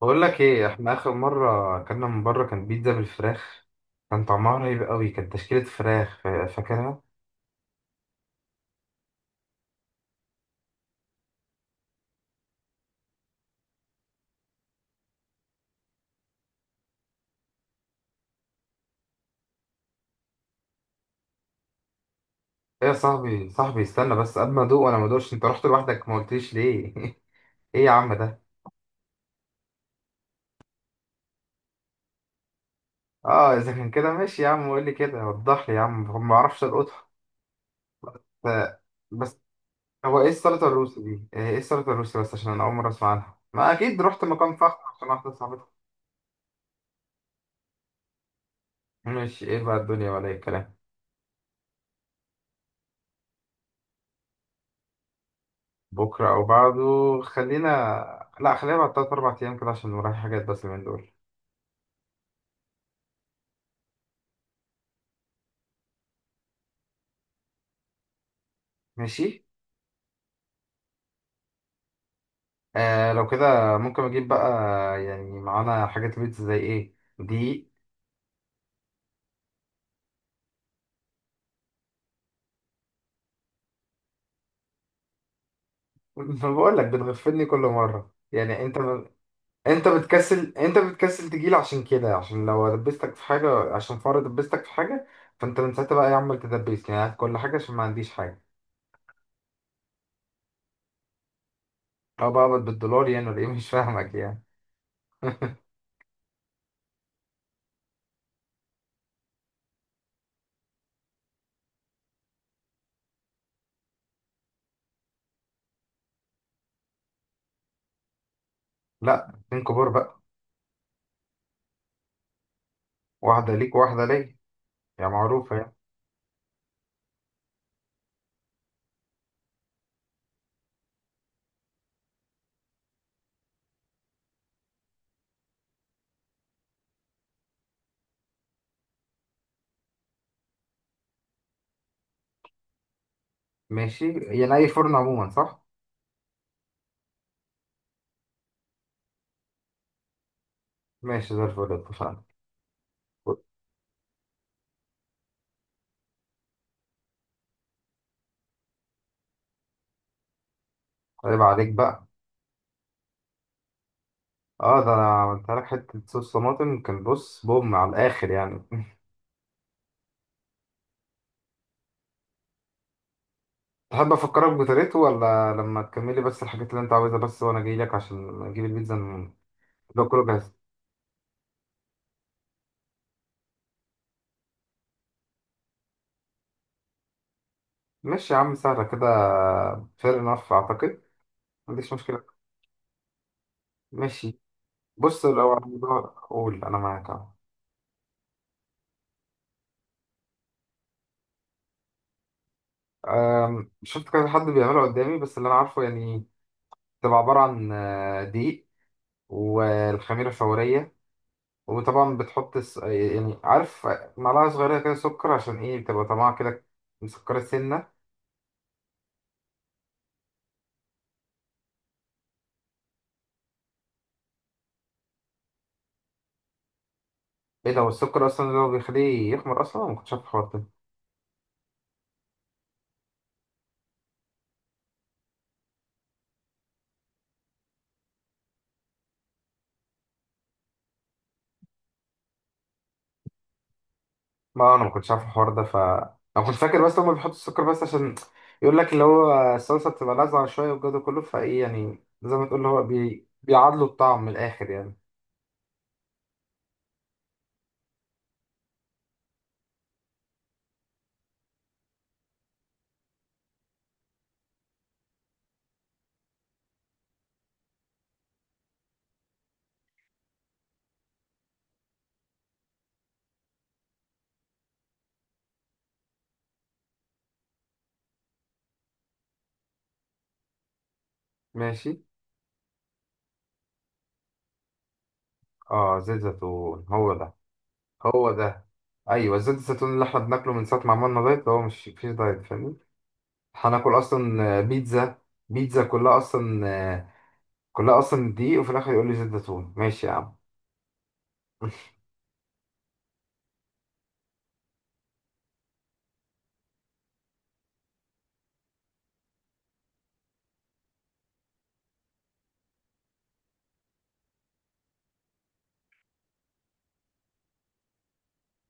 بقول لك ايه، احنا اخر مره اكلنا من بره كان بيتزا بالفراخ. كان طعمها رهيب قوي، كانت تشكيله فراخ، فاكرها. ايه يا صاحبي، استنى بس قبل ما ادوق، وانا ما ادوقش، انت رحت لوحدك ما قلتليش ليه؟ ايه يا عم ده. اه اذا كان كده ماشي يا عم، قول لي كده وضح لي يا عم، ما اعرفش القطها. ف... بس هو ايه السلطه الروسي دي؟ ايه السلطه الروسي، بس عشان انا اول مره اسمع عنها، ما اكيد رحت مكان فخم عشان واحده صاحبتي. ماشي، ايه بقى الدنيا ولا ايه الكلام؟ بكرة أو بعده. خلينا، لا خلينا بعد تلات أربع أيام كده عشان ورايا حاجات، بس من دول ماشي. آه لو كده ممكن أجيب بقى، يعني معانا حاجات بيتزا زي إيه دي؟ بقول لك بتغفلني كل مرة، يعني أنت بتكسل، أنت بتكسل تجيلي عشان كده، عشان لو دبستك في حاجة عشان فار دبستك في حاجة، فأنت من ساعتها بقى يا عم تدبسني، يعني هات كل حاجة عشان ما عنديش حاجة، أو بقى بالدولار يعني، ولا إيه؟ مش فاهمك يعني. لا اتنين كبار بقى، واحدة ليك وواحدة ليا، يا معروفة يعني. ماشي يعني أي فرن عموما، صح؟ ماشي زي الفل، اتفقنا. طيب عليك بقى. اه ده أنا عملتها لك حتة صوص طماطم كان بص بوم على الآخر يعني. تحب أفكرك بطريقته، ولا لما تكملي بس الحاجات اللي أنت عاوزها بس وأنا جاي لك عشان أجيب البيتزا ده كله جاهز. ماشي يا عم سهلة كده. فير انف أعتقد ما عنديش مشكلة. ماشي. بص لو على الموضوع، قول أنا معاك أهو. شفت كذا حد بيعمله قدامي بس اللي أنا عارفه يعني، تبقى عبارة عن دقيق، والخميرة الفورية، وطبعا بتحط يعني عارف، معلقة صغيرة كده سكر عشان ايه بتبقى طعمها كده مسكرة سنة. ايه ده، هو السكر اصلا اللي هو بيخليه يخمر اصلا؟ أنا ما كنتش عارف الحوار ده. ما انا ما كنتش عارف الحوار ده، ف انا كنت فاكر بس هما بيحطوا السكر بس عشان يقول لك اللي هو الصلصة بتبقى لاذعة شوية والجو ده كله، فايه يعني زي ما تقول اللي هو بيعادلوا الطعم من الاخر يعني. ماشي. اه زيت زيتون هو ده. هو ده، ايوه زيت الزيتون اللي احنا بناكله من ساعة ما عملنا دايت، هو مش فيش دايت فاهمني؟ هناكل اصلا بيتزا، بيتزا كلها اصلا دقيق، وفي الاخر يقول لي زيت زيتون، ماشي يا عم.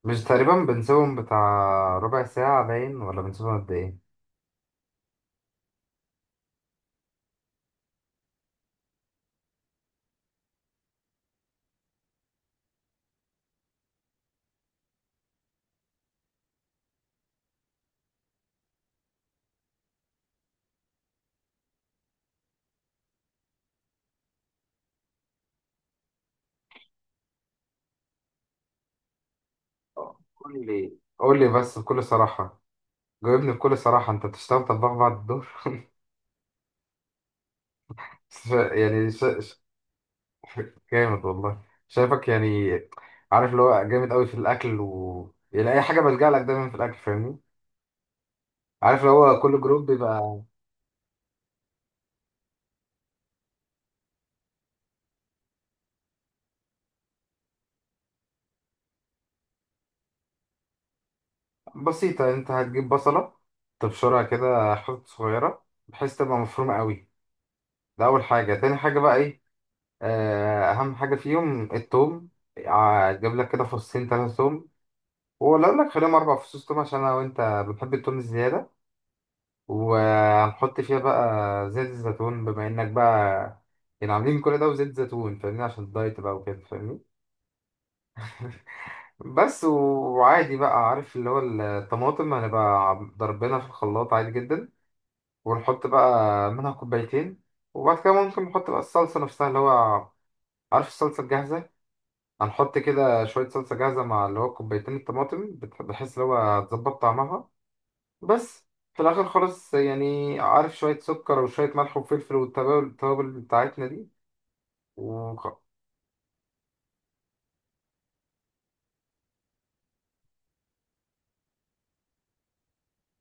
مش تقريبا بنسيبهم بتاع ربع ساعة باين، ولا بنسيبهم قد ايه؟ قول لي بس بكل صراحة، جاوبني بكل صراحة، انت بتشتغل طباخ بعد الدور؟ ش- يعني ش... ش... جامد والله. شايفك يعني، عارف اللي هو جامد قوي في الاكل، و يعني اي حاجة بلجأ لك دايما في الاكل فاهمني، عارف اللي هو كل جروب بيبقى. بسيطة، انت هتجيب بصلة تبشرها كده حتت صغيرة بحيث تبقى مفرومة قوي. ده أول حاجة. تاني حاجة بقى ايه، آه، أهم حاجة فيهم التوم. هتجيب لك كده فصين تلاتة توم، ولا أقول لك خليهم أربع فصوص توم عشان أنا وأنت بنحب التوم الزيادة. وهنحط فيها بقى زيت الزيتون، بما إنك بقى يعني عاملين كل ده وزيت زيتون فاهمني، عشان الدايت بقى وكده فاهمني. وعادي بقى عارف، اللي هو الطماطم هنبقى ضربنا في الخلاط عادي جدا، ونحط بقى منها كوبايتين. وبعد كده ممكن نحط بقى الصلصة نفسها، اللي هو عارف الصلصة الجاهزة، هنحط كده شوية صلصة جاهزة مع اللي هو كوبايتين الطماطم بحيث اللي هو هتظبط طعمها. بس في الآخر خالص يعني عارف، شوية سكر وشوية ملح وفلفل، والتوابل بتاعتنا دي وخ...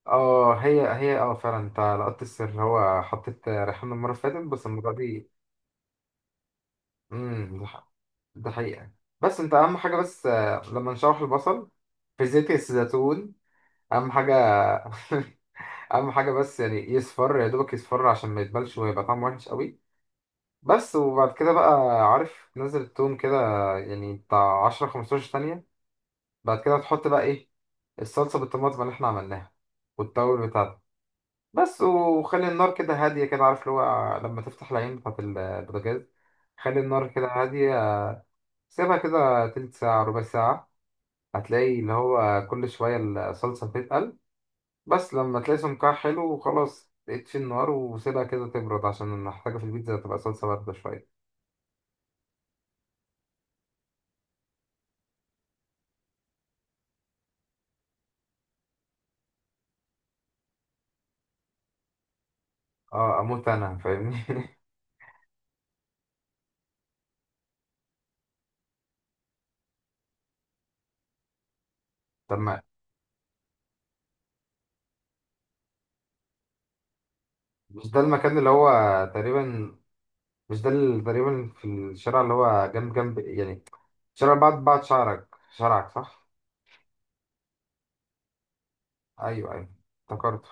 اه هي هي، اه فعلا انت لقطت السر، هو حطيت ريحان المرة اللي فاتت، بس المرة دي. امم، ده حقيقة. بس انت أهم حاجة بس آه، لما نشوح البصل في زيت الزيتون. اهم حاجه. اهم حاجه بس يعني يصفر، يا دوبك يصفر عشان ما يتبلش ويبقى طعمه وحش قوي. بس، وبعد كده بقى عارف، تنزل التوم كده يعني بتاع 10 15 ثانيه. بعد كده تحط بقى ايه، الصلصه بالطماطم اللي احنا عملناها والتوابل بتاعتها. بس، وخلي النار كده هاديه، كده عارف اللي هو لما تفتح العين بتاعت البوتاجاز، خلي النار كده هاديه. سيبها كده تلت ساعه ربع ساعه، هتلاقي اللي هو كل شويه الصلصه بتتقل. بس لما تلاقي سمكها حلو وخلاص، اطفي النار وسيبها كده تبرد، عشان انا محتاجة في البيتزا تبقى صلصة باردة شوية. اه اموت انا فاهمني. طب ما مش ده المكان اللي هو تقريبا؟ مش ده اللي تقريبا في الشارع اللي هو جنب يعني، شارع بعد شعرك، شارعك، صح؟ ايوه ايوه، افتكرته.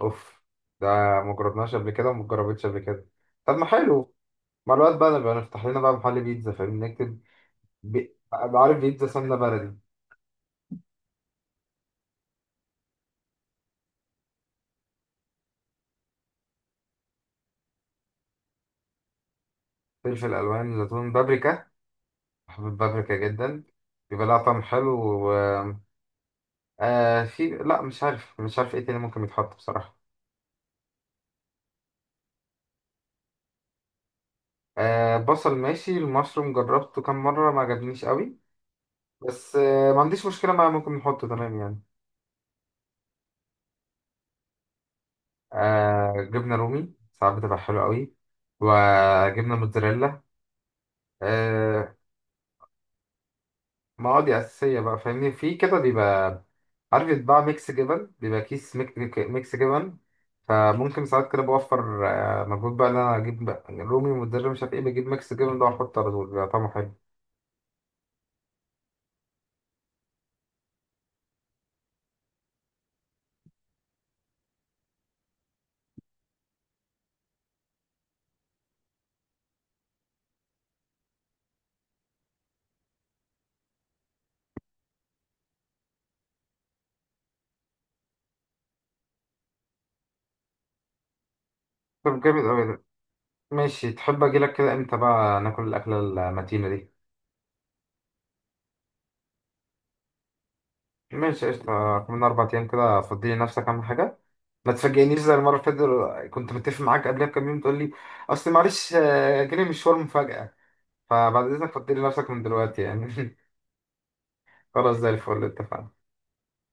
اوف، ده مجربناش قبل كده، ومجربتش قبل كده. طب ما حلو، مع الوقت بقى نبقى نفتح لنا بقى محل بيتزا فاهمني، نكتب عارف، بيتزا سمنة بلدي. فلفل الوان، زيتون، بابريكا، حبوب بابريكا جدا، بيبقى لها طعم حلو. و... آه في، لا مش عارف ايه تاني ممكن يتحط بصراحة. آه بصل ماشي، المشروم جربته كام مرة ما عجبنيش قوي، بس آه ما عنديش مشكلة معاه، ممكن نحطه تمام يعني. آه جبنة رومي ساعات بتبقى حلوة قوي، وجبنة موتزاريلا، آه. ما هو دي أساسية بقى فاهمني، في كده بيبقى عارف يتباع ميكس جبن، بيبقى كيس ميكس جبن، فممكن ساعات كده بوفر آه، مجهود بقى إن أنا أجيب بقى رومي ومدرب مش عارف إيه، بجيب ميكس جبن ده وأحطه على طول بيبقى طعمه حلو. طب جامد أوي. ماشي، تحب أجيلك كده إمتى بقى ناكل الأكلة المتينة دي؟ ماشي قشطة، كمان أربع أيام كده، فضي لنفسك أهم حاجة. ما تفاجئنيش زي المرة اللي فاتت، كنت متفق معاك قبلها بكام يوم تقول لي أصل معلش آه، جالي مشوار مفاجأة. فبعد إذنك فضي لنفسك من دلوقتي يعني. خلاص زي الفل، اتفقنا.